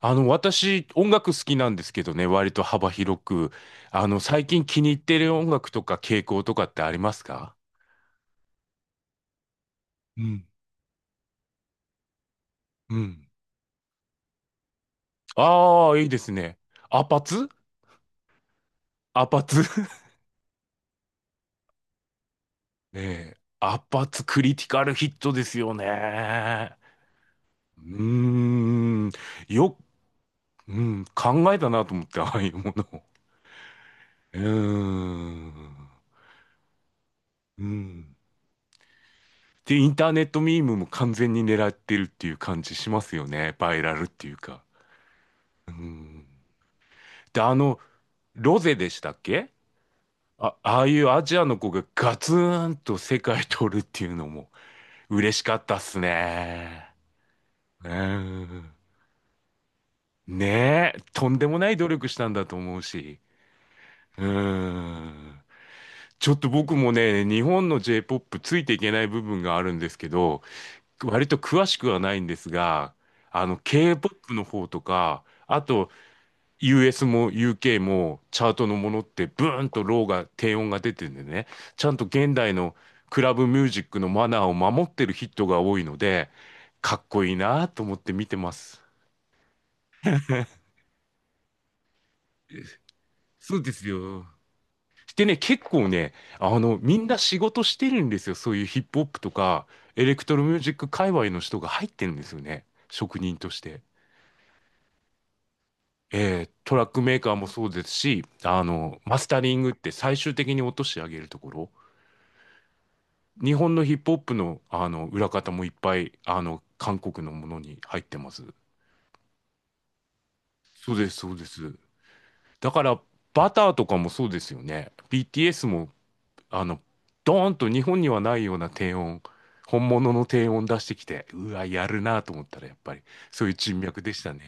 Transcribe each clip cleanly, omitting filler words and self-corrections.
私、音楽好きなんですけどね、割と幅広く。最近気に入ってる音楽とか傾向とかってありますか？うん、うん。ああー、いいですね。アパツアパツ ねえ、アパツクリティカルヒットですよね。うーん、よ、うん、考えたなと思って、ああいうものを。うーん、うん。で、インターネットミームも完全に狙ってるっていう感じしますよね。バイラルっていうか。うん。で、ロゼでしたっけ？あ、ああいうアジアの子がガツンと世界取るっていうのも嬉しかったっすね。うん。ねえ、とんでもない努力したんだと思うし。うん。ちょっと僕もね、日本の J-POP ついていけない部分があるんですけど、割と詳しくはないんですが、K-POP の方とか、あと、US も UK もチャートのものってブーンとローが低音が出てるんでね、ちゃんと現代のクラブミュージックのマナーを守ってるヒットが多いので、かっこいいなと思って見てます。そうですよ。でね、結構ね、みんな仕事してるんですよ。そういうヒップホップとか、エレクトロミュージック界隈の人が入ってるんですよね。職人として。トラックメーカーもそうですし、マスタリングって最終的に落としてあげるところ。日本のヒップホップの、あの裏方もいっぱいあの韓国のものに入ってます。そうです、そうです。だからバターとかもそうですよね。BTS もあのドーンと日本にはないような低音、本物の低音出してきて、うわ、やるなと思ったらやっぱりそういう人脈でしたね。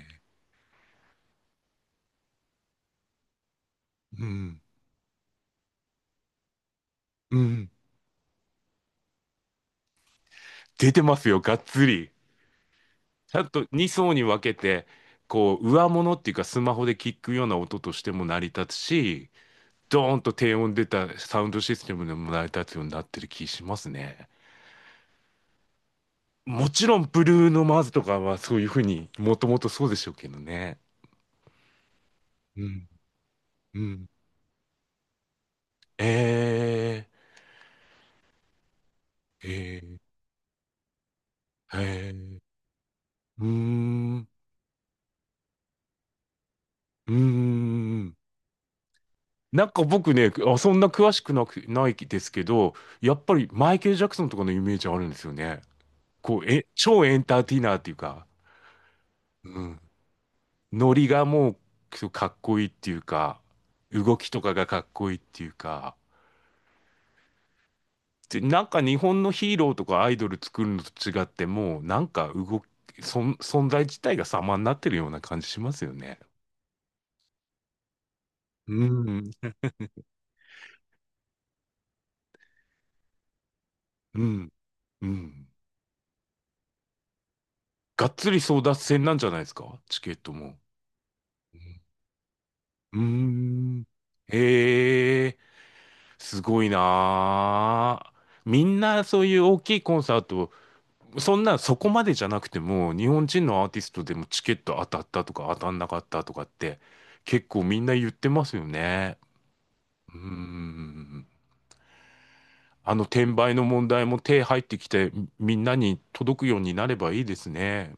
うん、うん。出てますよ、がっつり。ちゃんと2層に分けて、こう、上物っていうかスマホで聞くような音としても成り立つし、ドーンと低音出たサウンドシステムでも成り立つようになってる気しますね。もちろん、ブルーノ・マーズとかはそういうふうにもともとそうでしょうけどね。うん、うん。えー、えー、えー、うーん、うーん。なんか僕ね、あ、そんな詳しくなく、ないですけど、やっぱりマイケル・ジャクソンとかのイメージあるんですよね。こう、超エンターテイナーっていうか。うん。ノリがもうかっこいいっていうか、動きとかがかっこいいっていうか、で、なんか日本のヒーローとかアイドル作るのと違って、もうなんか動き、存在自体が様になってるような感じしますよね。うん。うん、うん。がっつり争奪戦なんじゃないですか、チケットも？うん。うーん。へえ、すごいなあ。みんなそういう大きいコンサートそんなそこまでじゃなくても、日本人のアーティストでもチケット当たったとか当たんなかったとかって結構みんな言ってますよね。うーん。あの転売の問題も手入ってきてみんなに届くようになればいいですね。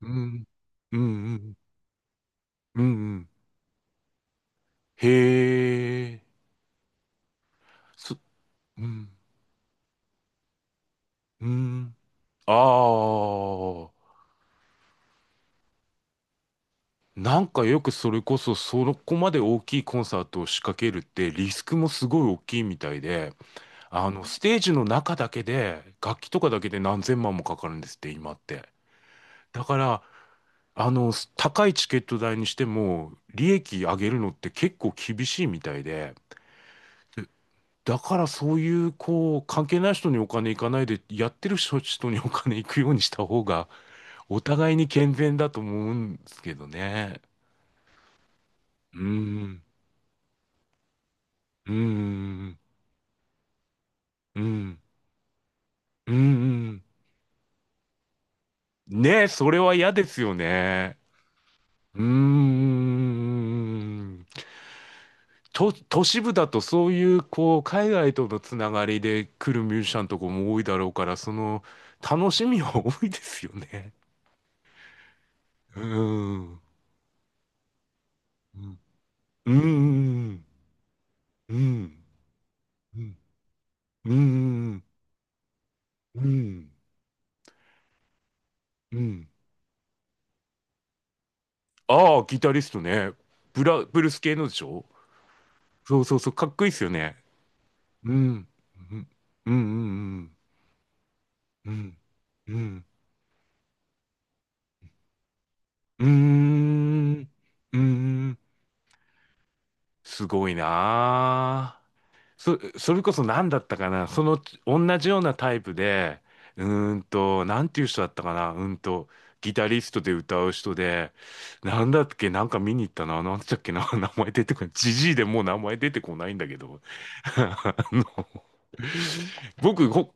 うん。うんうん。うんうん。へえ。そ、うん。うん。ああ。なんかよくそれこそそこまで大きいコンサートを仕掛けるってリスクもすごい大きいみたいで。ステージの中だけで、楽器とかだけで何千万もかかるんですって、今って。だから、高いチケット代にしても、利益上げるのって結構厳しいみたいで、で、だからそういう、こう、関係ない人にお金いかないで、やってる人にお金いくようにした方が、お互いに健全だと思うんですけどね。うーん、うーん、うーん、うーん。ねえ、それは嫌ですよね。うーん。都市部だとそういうこう海外とのつながりで来るミュージシャンとかも多いだろうから、その楽しみは多いですよね。うーん。うん。うん。うん。うん。うん。うん。ああ、ギタリストね。ブルース系のでしょ？そうそうそう、かっこいいですよね。うん。うん。うん。うん。うん。うん。うん。うん。すごいなあ。それこそ何だったかな、その同じようなタイプで、うなんていう人だったかな、ギタリストで歌う人で、なんだっけ、なんか見に行ったな、なんつったっけな、名前出てこない。じじいでもう名前出てこないんだけど。あの僕、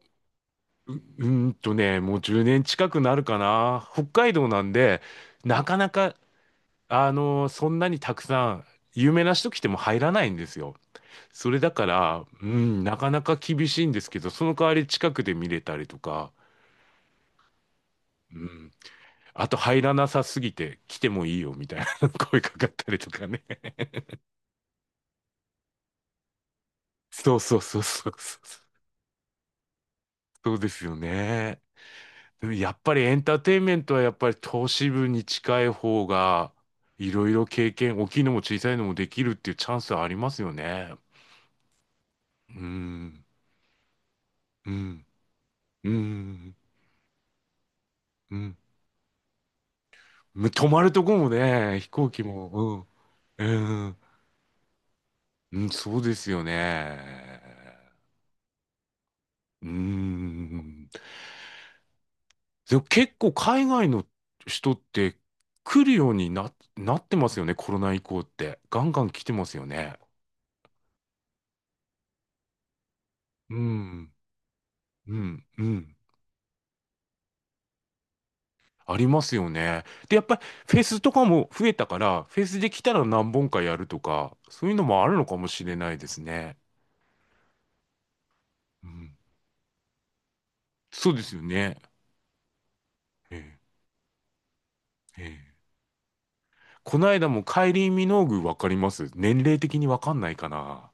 もう10年近くなるかな。北海道なんで、なかなか、そんなにたくさん、有名な人来ても入らないんですよ。それだから、うん、なかなか厳しいんですけど、その代わり近くで見れたりとか、うん、あと入らなさすぎて来てもいいよみたいな 声かかったりとかね。そうそうそうそうそう。そうですよね。でもやっぱりエンターテインメントはやっぱり投資部に近い方が、いろいろ経験、大きいのも小さいのもできるっていうチャンスはありますよね。うん、うん、うん、うん。泊まるとこもね、飛行機も、うん、うん。うん、そうですよね。うーん。でも結構海外の人って来るようになってますよね、コロナ以降って。ガンガン来てますよね。うん、うん、うん。ありますよね。で、やっぱりフェスとかも増えたから、フェスで来たら何本かやるとか、そういうのもあるのかもしれないですね。うん、そうですよね。ええ、ええ。この間もカイリー・ミノーグわかります？年齢的にわかんないかな。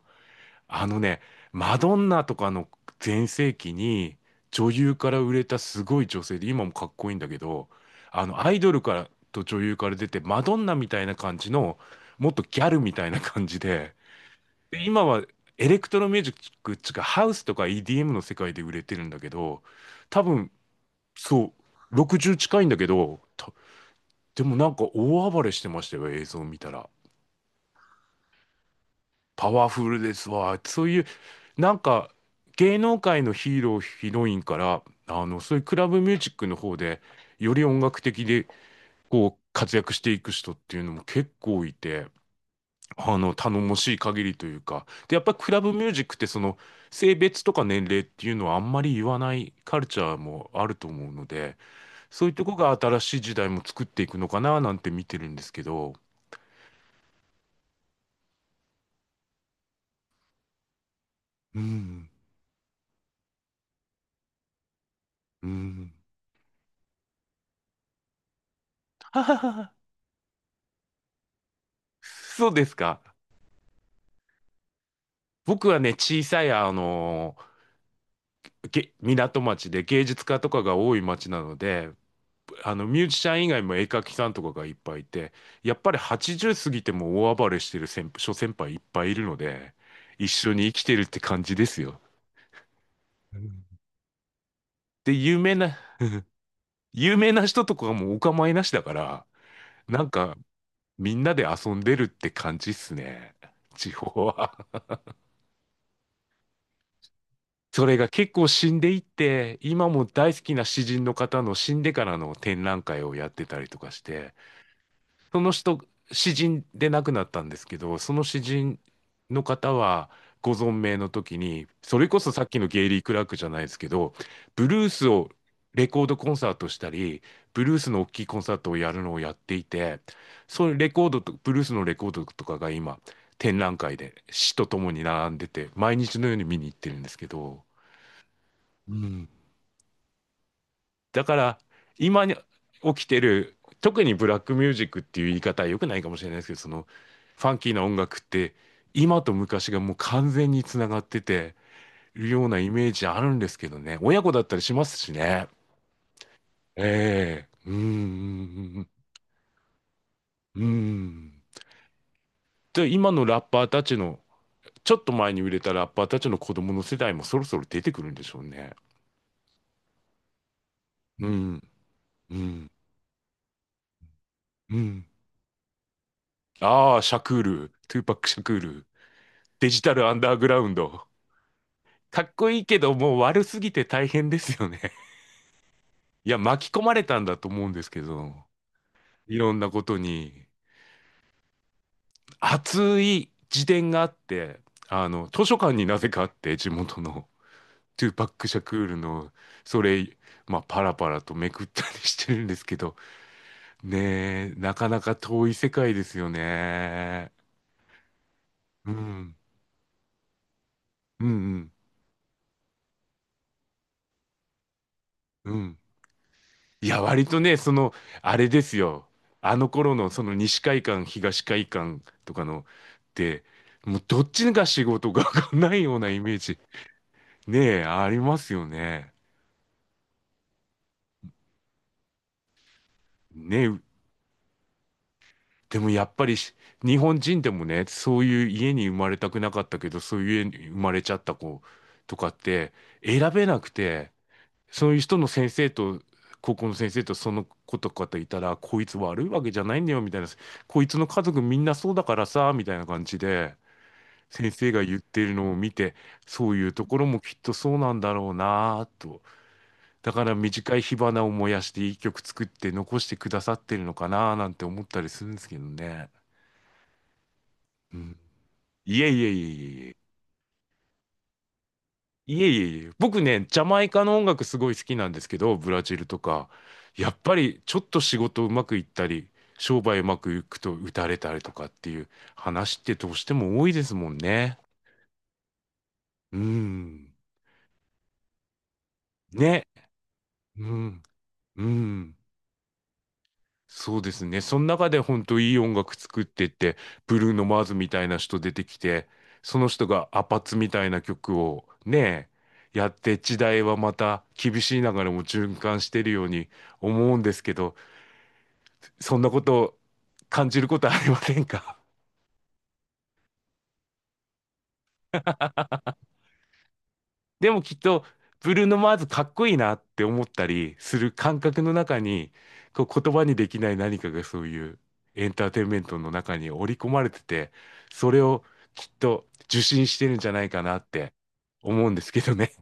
あのね、マドンナとかの全盛期に女優から売れたすごい女性で、今もかっこいいんだけど、アイドルからと女優から出て、マドンナみたいな感じの、もっとギャルみたいな感じで、で、今はエレクトロミュージックっつうか、ハウスとか EDM の世界で売れてるんだけど、多分、そう、60近いんだけど、でもなんか大暴れしてましたよ、映像見たら。パワフルですわ。そういう、なんか、芸能界のヒーロー、ヒロインから、そういうクラブミュージックの方で、より音楽的で、こう、活躍していく人っていうのも結構いて、頼もしい限りというか。で、やっぱりクラブミュージックって、その、性別とか年齢っていうのはあんまり言わないカルチャーもあると思うので、そういうとこが新しい時代も作っていくのかな、なんて見てるんですけど。うん、うん。はははは。そうですか。僕はね、小さい、港町で芸術家とかが多い町なので、ミュージシャン以外も絵描きさんとかがいっぱいいて、やっぱり80過ぎても大暴れしてる先輩いっぱいいるので、一緒に生きてるって感じですよ。うん。で、有名な人とかもお構いなしだから、なんか、みんなで遊んでるって感じっすね。地方は。それが結構死んでいって、今も大好きな詩人の方の死んでからの展覧会をやってたりとかして、その人、詩人で亡くなったんですけど、その詩人の方はご存命の時に、それこそさっきのゲイリー・クラークじゃないですけど、ブルースをレコードコンサートしたり、ブルースの大きいコンサートをやるのをやっていて、そういうレコードと、ブルースのレコードとかが今、展覧会で詩とともに並んでて、毎日のように見に行ってるんですけど、うん、だから、今に起きてる、特にブラックミュージックっていう言い方は良くないかもしれないですけど、その、ファンキーな音楽って、今と昔がもう完全につながってるようなイメージあるんですけどね。親子だったりしますしね。ええうーん、うーん。で、今のラッパーたちの、ちょっと前に売れたラッパーたちの子供の世代もそろそろ出てくるんでしょうね。うん、うん、うん。ああ、シャクール、トゥーパック・シャクール、デジタルアンダーグラウンド。かっこいいけど、もう悪すぎて大変ですよね。いや、巻き込まれたんだと思うんですけど、いろんなことに。熱い自伝があって、あの、図書館になぜかあって、地元の、トゥーパック・シャクールの、それ、まあ、パラパラとめくったりしてるんですけど、ねえ、なかなか遠い世界ですよね。うん、うん、うん、うん。いや、割とね、その、あれですよ。あの頃の、その西海岸、東海岸とかの、てもうどっちが仕事が ないようなイメージ、ねえ、ありますよね。ねえ、でもやっぱりし、日本人でもね、そういう家に生まれたくなかったけど、そういう家に生まれちゃった子とかって、選べなくて、そういう人の先生と、高校の先生とその子とかといたら、こいつ悪いわけじゃないんだよ、みたいな。こいつの家族みんなそうだからさ、みたいな感じで、先生が言ってるのを見て、そういうところもきっとそうなんだろうなぁと。だから短い火花を燃やして一曲作って残してくださってるのかなぁなんて思ったりするんですけどね。うん。いえいえいえいえいえ。いえいえいえ、僕ね、ジャマイカの音楽すごい好きなんですけど、ブラジルとか、やっぱりちょっと仕事うまくいったり、商売うまくいくと打たれたりとかっていう話ってどうしても多いですもんね。うん。ね。うん。うん。そうですね。その中で本当いい音楽作ってって、ブルーノ・マーズみたいな人出てきて、その人がアパッツみたいな曲をね、やって時代はまた厳しい流れも循環してるように思うんですけど、そんなことを感じることはありませんか？ でもきっと、ブルーノ・マーズかっこいいなって思ったりする感覚の中に、こう言葉にできない何かがそういうエンターテインメントの中に織り込まれてて、それをきっと受信してるんじゃないかなって思うんですけどね。